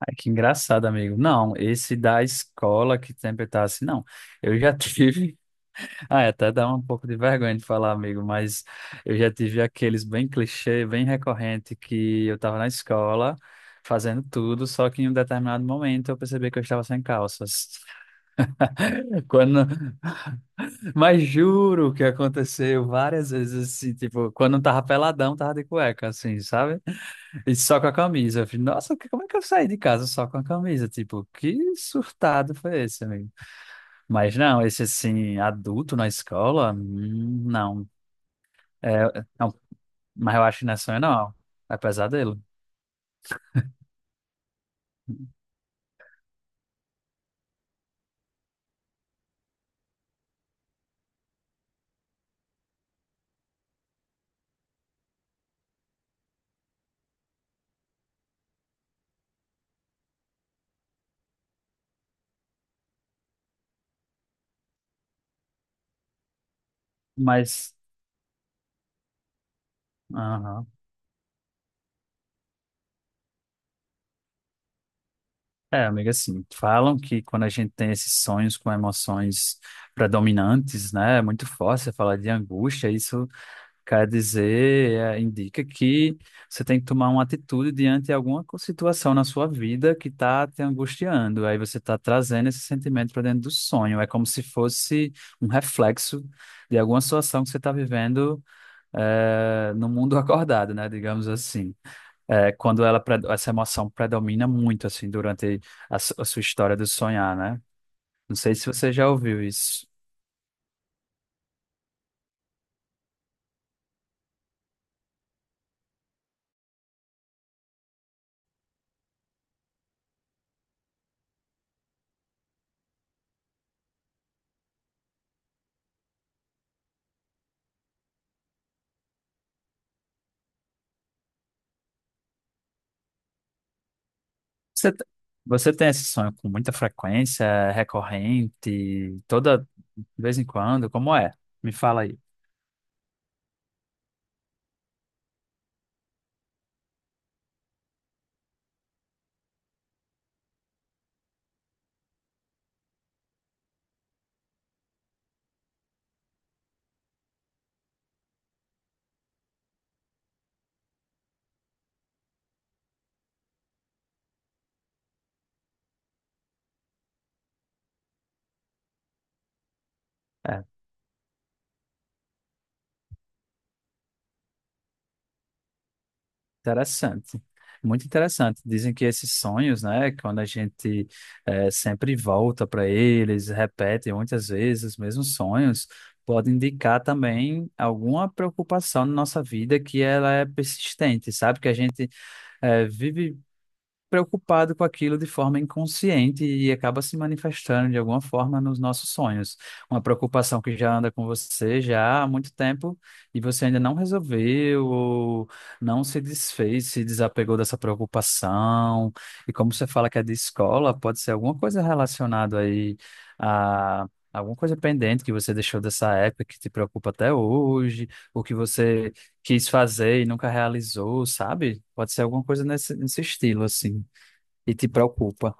Ai, que engraçado, amigo. Não, esse da escola que sempre tá assim, não. Eu já tive. Ah, até dá um pouco de vergonha de falar, amigo, mas eu já tive aqueles bem clichê, bem recorrente, que eu tava na escola fazendo tudo, só que em um determinado momento eu percebi que eu estava sem calças. Quando... Mas juro que aconteceu várias vezes assim, tipo, quando eu tava peladão, tava de cueca, assim, sabe? E só com a camisa. Eu falei, nossa, como é que eu saí de casa só com a camisa? Tipo, que surtado foi esse, amigo? Mas não, esse assim, adulto na escola, não. É, não. Mas eu acho que não é sonho, não. É pesadelo. Mas, aham. É, amiga, assim, falam que quando a gente tem esses sonhos com emoções predominantes, né, é muito forte, você fala de angústia, isso quer dizer, é, indica que você tem que tomar uma atitude diante de situação na sua vida que está te angustiando. Aí você está trazendo esse sentimento para dentro do sonho. É como se fosse um reflexo de alguma situação que você está vivendo, é, no mundo acordado, né? Digamos assim. É, quando ela, essa emoção predomina muito assim durante a sua história do sonhar, né? Não sei se você já ouviu isso. Você, te- você tem esse sonho com muita frequência, é recorrente, toda de vez em quando? Como é? Me fala aí. É interessante, muito interessante. Dizem que esses sonhos, né, quando a gente, é, sempre volta para eles, repete muitas vezes os mesmos sonhos, pode indicar também alguma preocupação na nossa vida que ela é persistente, sabe? Que a gente, é, vive preocupado com aquilo de forma inconsciente e acaba se manifestando de alguma forma nos nossos sonhos. Uma preocupação que já anda com você já há muito tempo e você ainda não resolveu ou não se desfez, se desapegou dessa preocupação. E como você fala que é de escola, pode ser alguma coisa relacionada aí a alguma coisa pendente que você deixou dessa época que te preocupa até hoje, ou que você quis fazer e nunca realizou, sabe? Pode ser alguma coisa nesse estilo, assim, e te preocupa.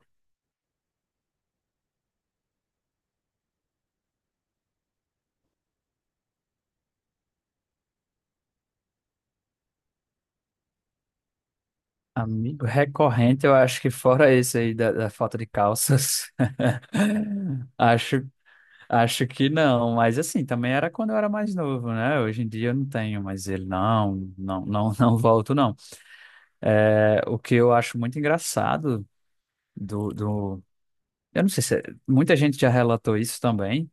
Amigo recorrente, eu acho que fora esse aí da falta de calças, acho, acho que não, mas assim, também era quando eu era mais novo, né? Hoje em dia eu não tenho, mas ele não volto, não. É, o que eu acho muito engraçado do, do, eu não sei se muita gente já relatou isso também,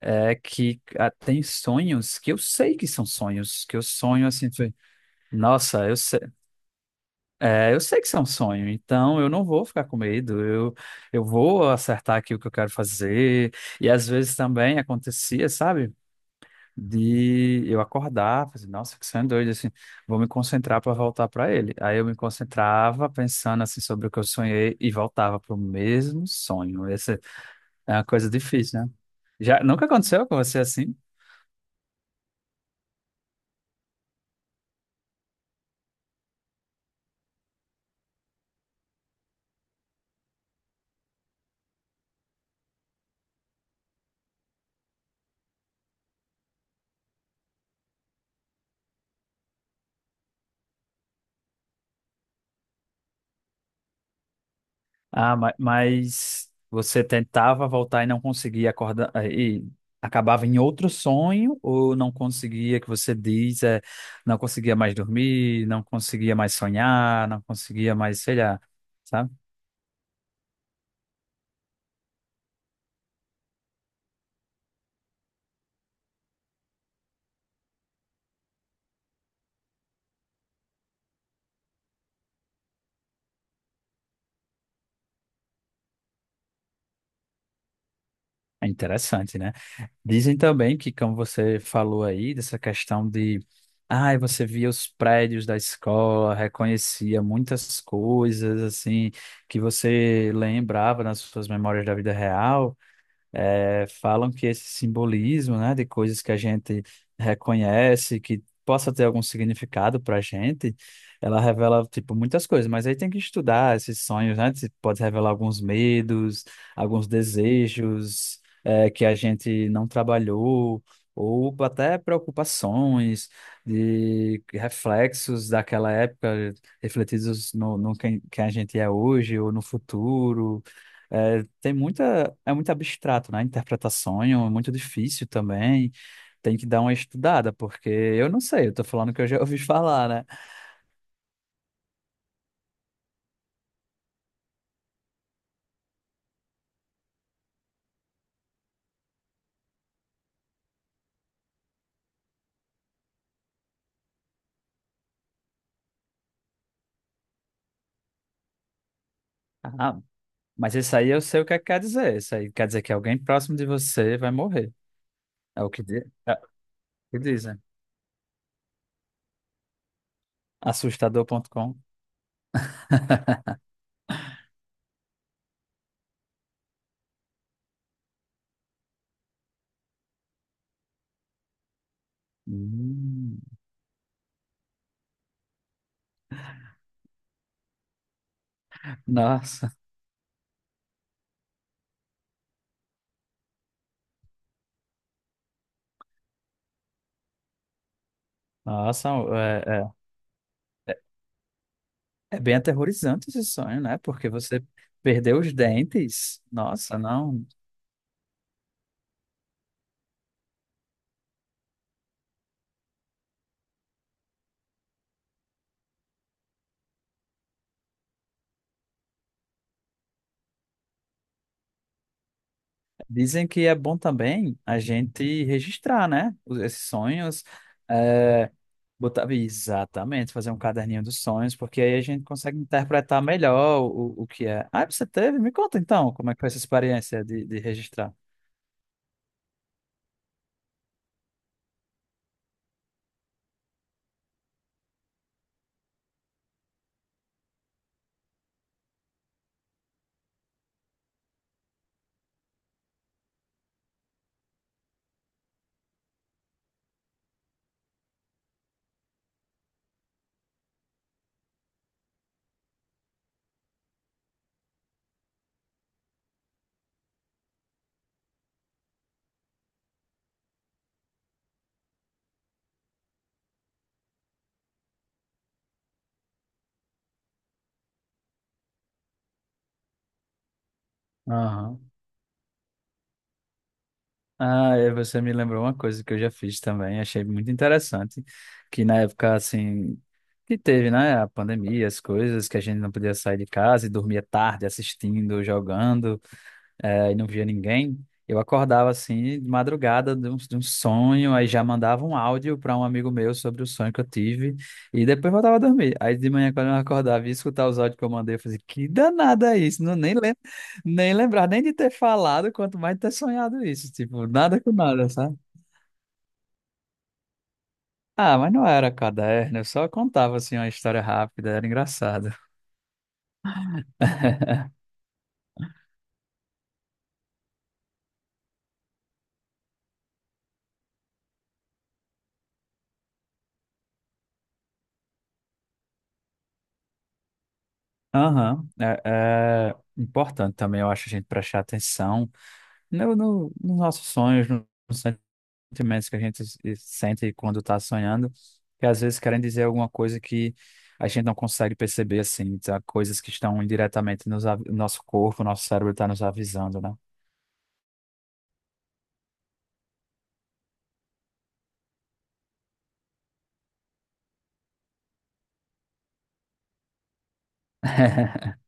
é que ah, tem sonhos que eu sei que são sonhos, que eu sonho assim, foi, nossa, eu é, eu sei que isso é um sonho, então eu não vou ficar com medo, eu vou acertar aqui o que eu quero fazer. E às vezes também acontecia, sabe, de eu acordar, fazer, nossa, que sonho doido, assim, vou me concentrar para voltar para ele. Aí eu me concentrava pensando assim sobre o que eu sonhei e voltava para o mesmo sonho. Essa é uma coisa difícil, né? Já nunca aconteceu com você assim? Ah, mas você tentava voltar e não conseguia acordar, e acabava em outro sonho ou não conseguia, que você diz, é, não conseguia mais dormir, não conseguia mais sonhar, não conseguia mais, sei lá, sabe? É interessante, né? Dizem também que, como você falou aí, dessa questão de, ai, você via os prédios da escola, reconhecia muitas coisas, assim, que você lembrava nas suas memórias da vida real. Falam que esse simbolismo, né, de coisas que a gente reconhece, que possa ter algum significado para a gente, ela revela, tipo, muitas coisas, mas aí tem que estudar esses sonhos, né, se pode revelar alguns medos, alguns desejos, que a gente não trabalhou, ou até preocupações, de reflexos daquela época refletidos no quem, quem a gente é hoje ou no futuro. É, tem muita, é muito abstrato, né? Interpretar sonho é muito difícil também. Tem que dar uma estudada, porque eu não sei, eu tô falando que eu já ouvi falar, né? Ah, mas isso aí eu sei o que é que quer dizer. Isso aí quer dizer que alguém próximo de você vai morrer. É o que, é o que dizem. Assustador.com. Hum, nossa, nossa, é, é, é é bem aterrorizante esse sonho, né? Porque você perdeu os dentes. Nossa, não. Dizem que é bom também a gente registrar, né? Esses sonhos. É, botar, exatamente, fazer um caderninho dos sonhos, porque aí a gente consegue interpretar melhor o que é. Ah, você teve? Me conta então, como é que foi essa experiência de registrar? Aham. Ah, e você me lembrou uma coisa que eu já fiz também, achei muito interessante, que na época, assim, que teve, né, a pandemia, as coisas, que a gente não podia sair de casa e dormia tarde assistindo, jogando, e não via ninguém, eu acordava assim de madrugada de um sonho, aí já mandava um áudio para um amigo meu sobre o sonho que eu tive, e depois voltava a dormir. Aí de manhã, quando eu acordava e ia escutar os áudios que eu mandei, eu fazia, que danada é isso? Nem lembrar nem de ter falado, quanto mais de ter sonhado isso. Tipo, nada com nada, sabe? Ah, mas não era caderno, eu só contava assim uma história rápida, era engraçado. Aham, é, é importante também, eu acho, a gente prestar atenção no, nos nossos sonhos, nos sentimentos que a gente sente quando está sonhando, que às vezes querem dizer alguma coisa que a gente não consegue perceber, assim, tá? Coisas que estão indiretamente nosso corpo, nosso cérebro está nos avisando, né?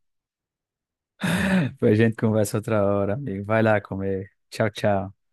Depois a gente conversa outra hora, amigo. Vai lá comer. Tchau, tchau.